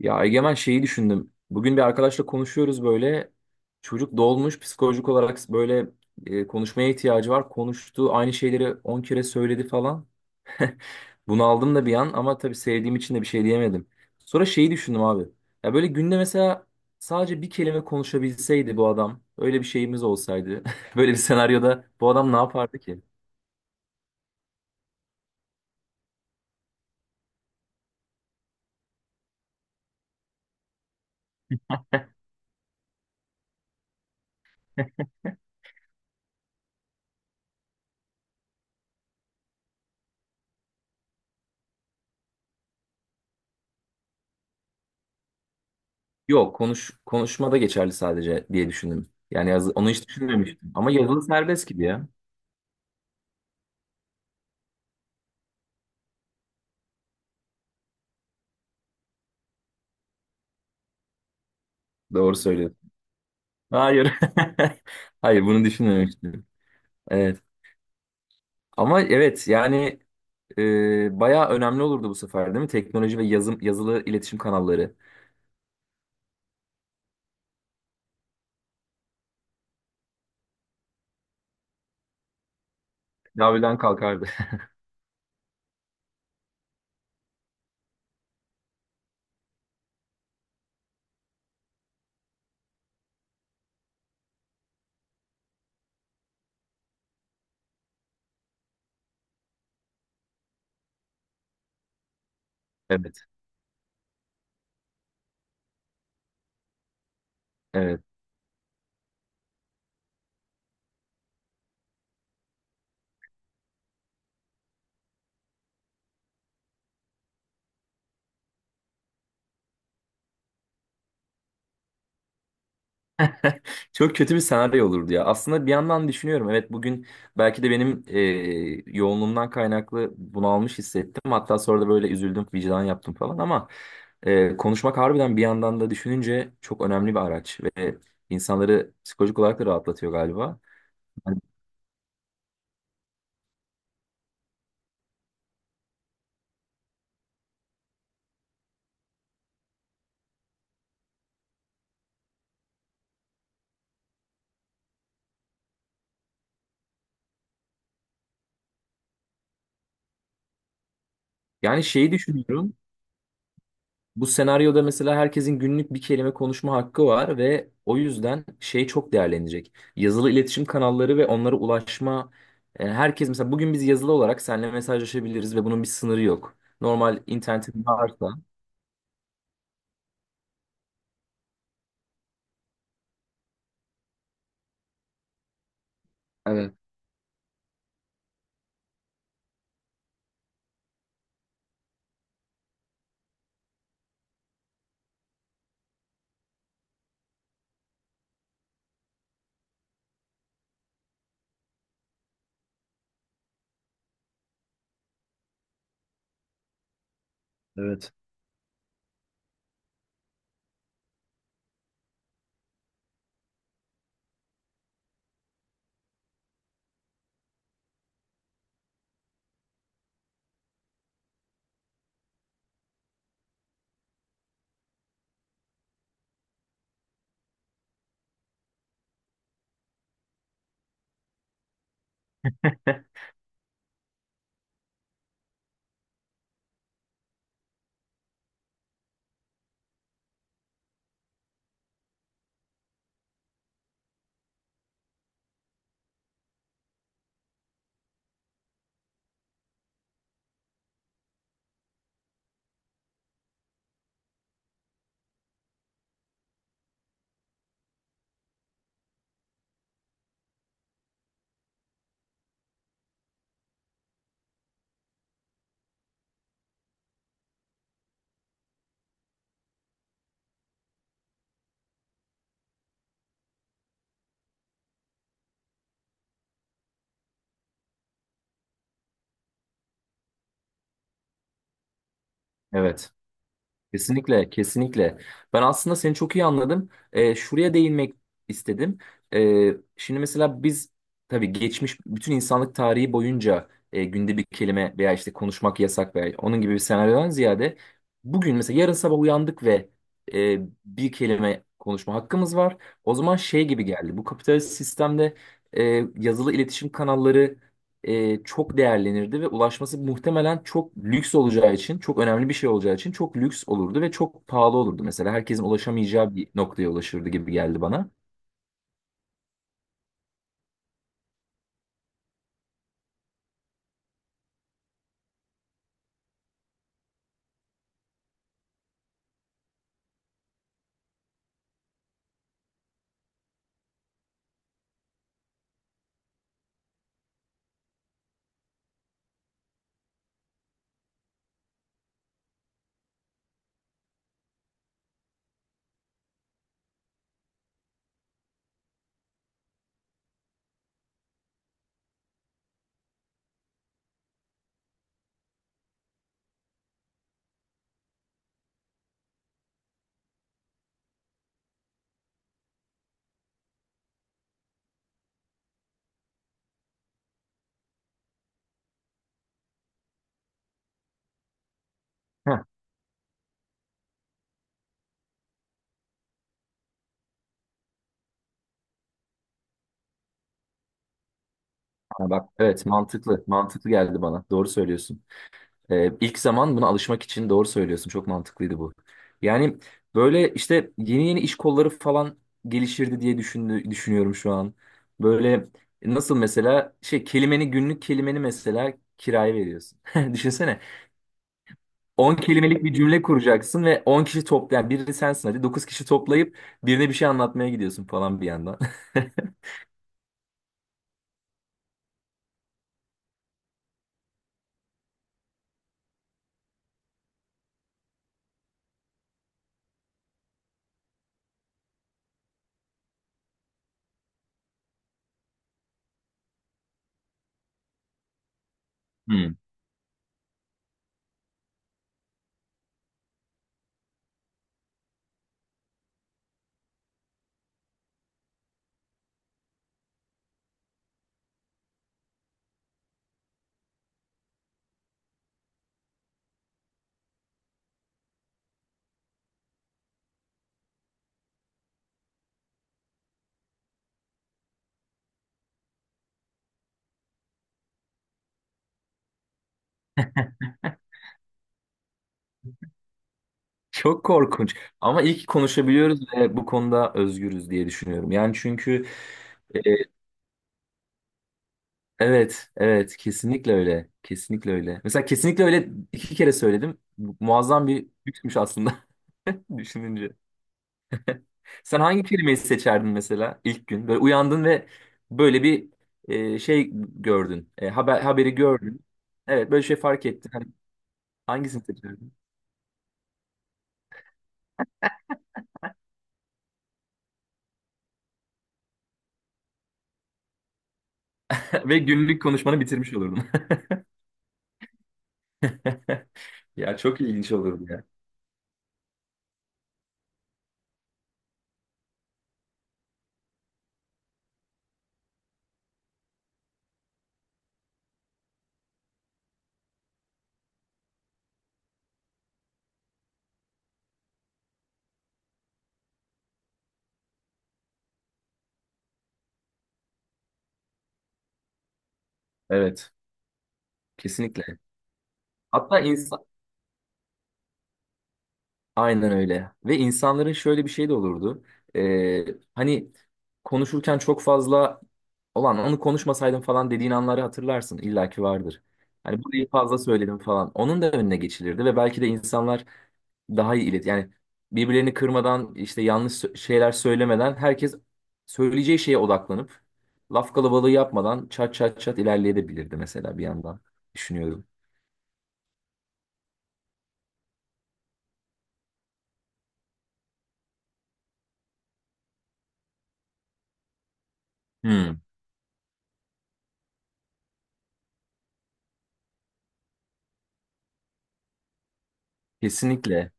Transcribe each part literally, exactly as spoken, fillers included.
Ya Egemen şeyi düşündüm. Bugün bir arkadaşla konuşuyoruz böyle. Çocuk dolmuş psikolojik olarak böyle, e, konuşmaya ihtiyacı var. Konuştu aynı şeyleri on kere söyledi falan. Bunu aldım da bir an, ama tabii sevdiğim için de bir şey diyemedim. Sonra şeyi düşündüm abi. Ya böyle günde mesela sadece bir kelime konuşabilseydi bu adam. Öyle bir şeyimiz olsaydı. Böyle bir senaryoda bu adam ne yapardı ki? Yok, konuş konuşmada geçerli sadece diye düşündüm. Yani yazı, onu hiç düşünmemiştim. Ama yazılı serbest gibi ya. Doğru söylüyorsun. Hayır. Hayır, bunu düşünmemiştim. Evet. Ama evet, yani e, bayağı önemli olurdu bu sefer, değil mi? Teknoloji ve yazım, yazılı iletişim kanalları. Yavrudan kalkardı. Evet. Evet. Çok kötü bir senaryo olurdu ya. Aslında bir yandan düşünüyorum. Evet, bugün belki de benim e, yoğunluğumdan kaynaklı bunalmış hissettim. Hatta sonra da böyle üzüldüm, vicdan yaptım falan, ama e, konuşmak harbiden, bir yandan da düşününce, çok önemli bir araç ve insanları psikolojik olarak da rahatlatıyor galiba. Yani şeyi düşünüyorum. Bu senaryoda mesela herkesin günlük bir kelime konuşma hakkı var ve o yüzden şey çok değerlenecek. Yazılı iletişim kanalları ve onlara ulaşma. Yani herkes mesela bugün biz yazılı olarak seninle mesajlaşabiliriz ve bunun bir sınırı yok. Normal internetin varsa. Evet, evet, evet. Kesinlikle, kesinlikle. Ben aslında seni çok iyi anladım. Ee, şuraya değinmek istedim. Ee, şimdi mesela biz, tabii, geçmiş bütün insanlık tarihi boyunca e, günde bir kelime veya işte konuşmak yasak veya onun gibi bir senaryodan ziyade, bugün mesela yarın sabah uyandık ve e, bir kelime konuşma hakkımız var. O zaman şey gibi geldi. Bu kapitalist sistemde e, yazılı iletişim kanalları e, çok değerlenirdi ve ulaşması muhtemelen çok lüks olacağı için, çok önemli bir şey olacağı için, çok lüks olurdu ve çok pahalı olurdu mesela. Herkesin ulaşamayacağı bir noktaya ulaşırdı gibi geldi bana. Heh. Ha bak, evet, mantıklı, mantıklı geldi bana. Doğru söylüyorsun. Ee, ilk zaman buna alışmak için doğru söylüyorsun. Çok mantıklıydı bu. Yani böyle işte yeni yeni iş kolları falan gelişirdi diye düşündü, düşünüyorum şu an. Böyle nasıl mesela şey, kelimeni günlük kelimeni mesela kiraya veriyorsun. Düşünsene. on kelimelik bir cümle kuracaksın ve on kişi topla, yani biri sensin, hadi dokuz kişi toplayıp birine bir şey anlatmaya gidiyorsun falan bir yandan. Hmm. Çok korkunç. Ama iyi ki konuşabiliyoruz ve bu konuda özgürüz diye düşünüyorum. Yani çünkü e, evet, evet, kesinlikle öyle. Kesinlikle öyle. Mesela kesinlikle öyle iki kere söyledim. Muazzam bir lüksmüş aslında, düşününce. Sen hangi kelimeyi seçerdin mesela ilk gün? Böyle uyandın ve böyle bir e, şey gördün. E, haber, haberi gördün. Evet, böyle şey fark ettin. Hani hangisini seçerdin? Ve günlük konuşmanı bitirmiş olurdun. Ya çok ilginç olurdu ya. Evet. Kesinlikle. Hatta ins- Aynen öyle. Ve insanların şöyle bir şey de olurdu. Ee, Hani konuşurken çok fazla olan, onu konuşmasaydım falan dediğin anları hatırlarsın. İlla ki vardır. Hani burayı fazla söyledim falan. Onun da önüne geçilirdi ve belki de insanlar daha iyi ilet. Yani birbirlerini kırmadan, işte yanlış sö- şeyler söylemeden, herkes söyleyeceği şeye odaklanıp laf kalabalığı yapmadan çat çat çat ilerleyebilirdi mesela, bir yandan düşünüyorum. Hmm, Kesinlikle.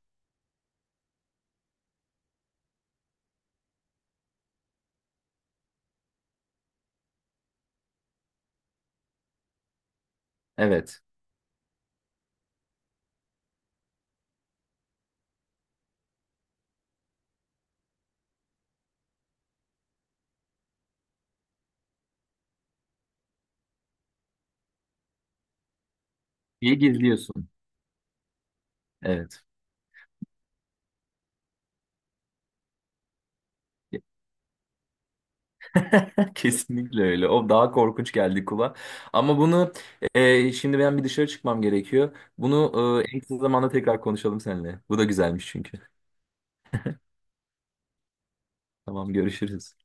Evet. İyi gizliyorsun. Evet. Kesinlikle öyle. O daha korkunç geldi kulağa. Ama bunu, e, şimdi ben bir dışarı çıkmam gerekiyor. Bunu e, en kısa zamanda tekrar konuşalım seninle. Bu da güzelmiş çünkü. Tamam, görüşürüz.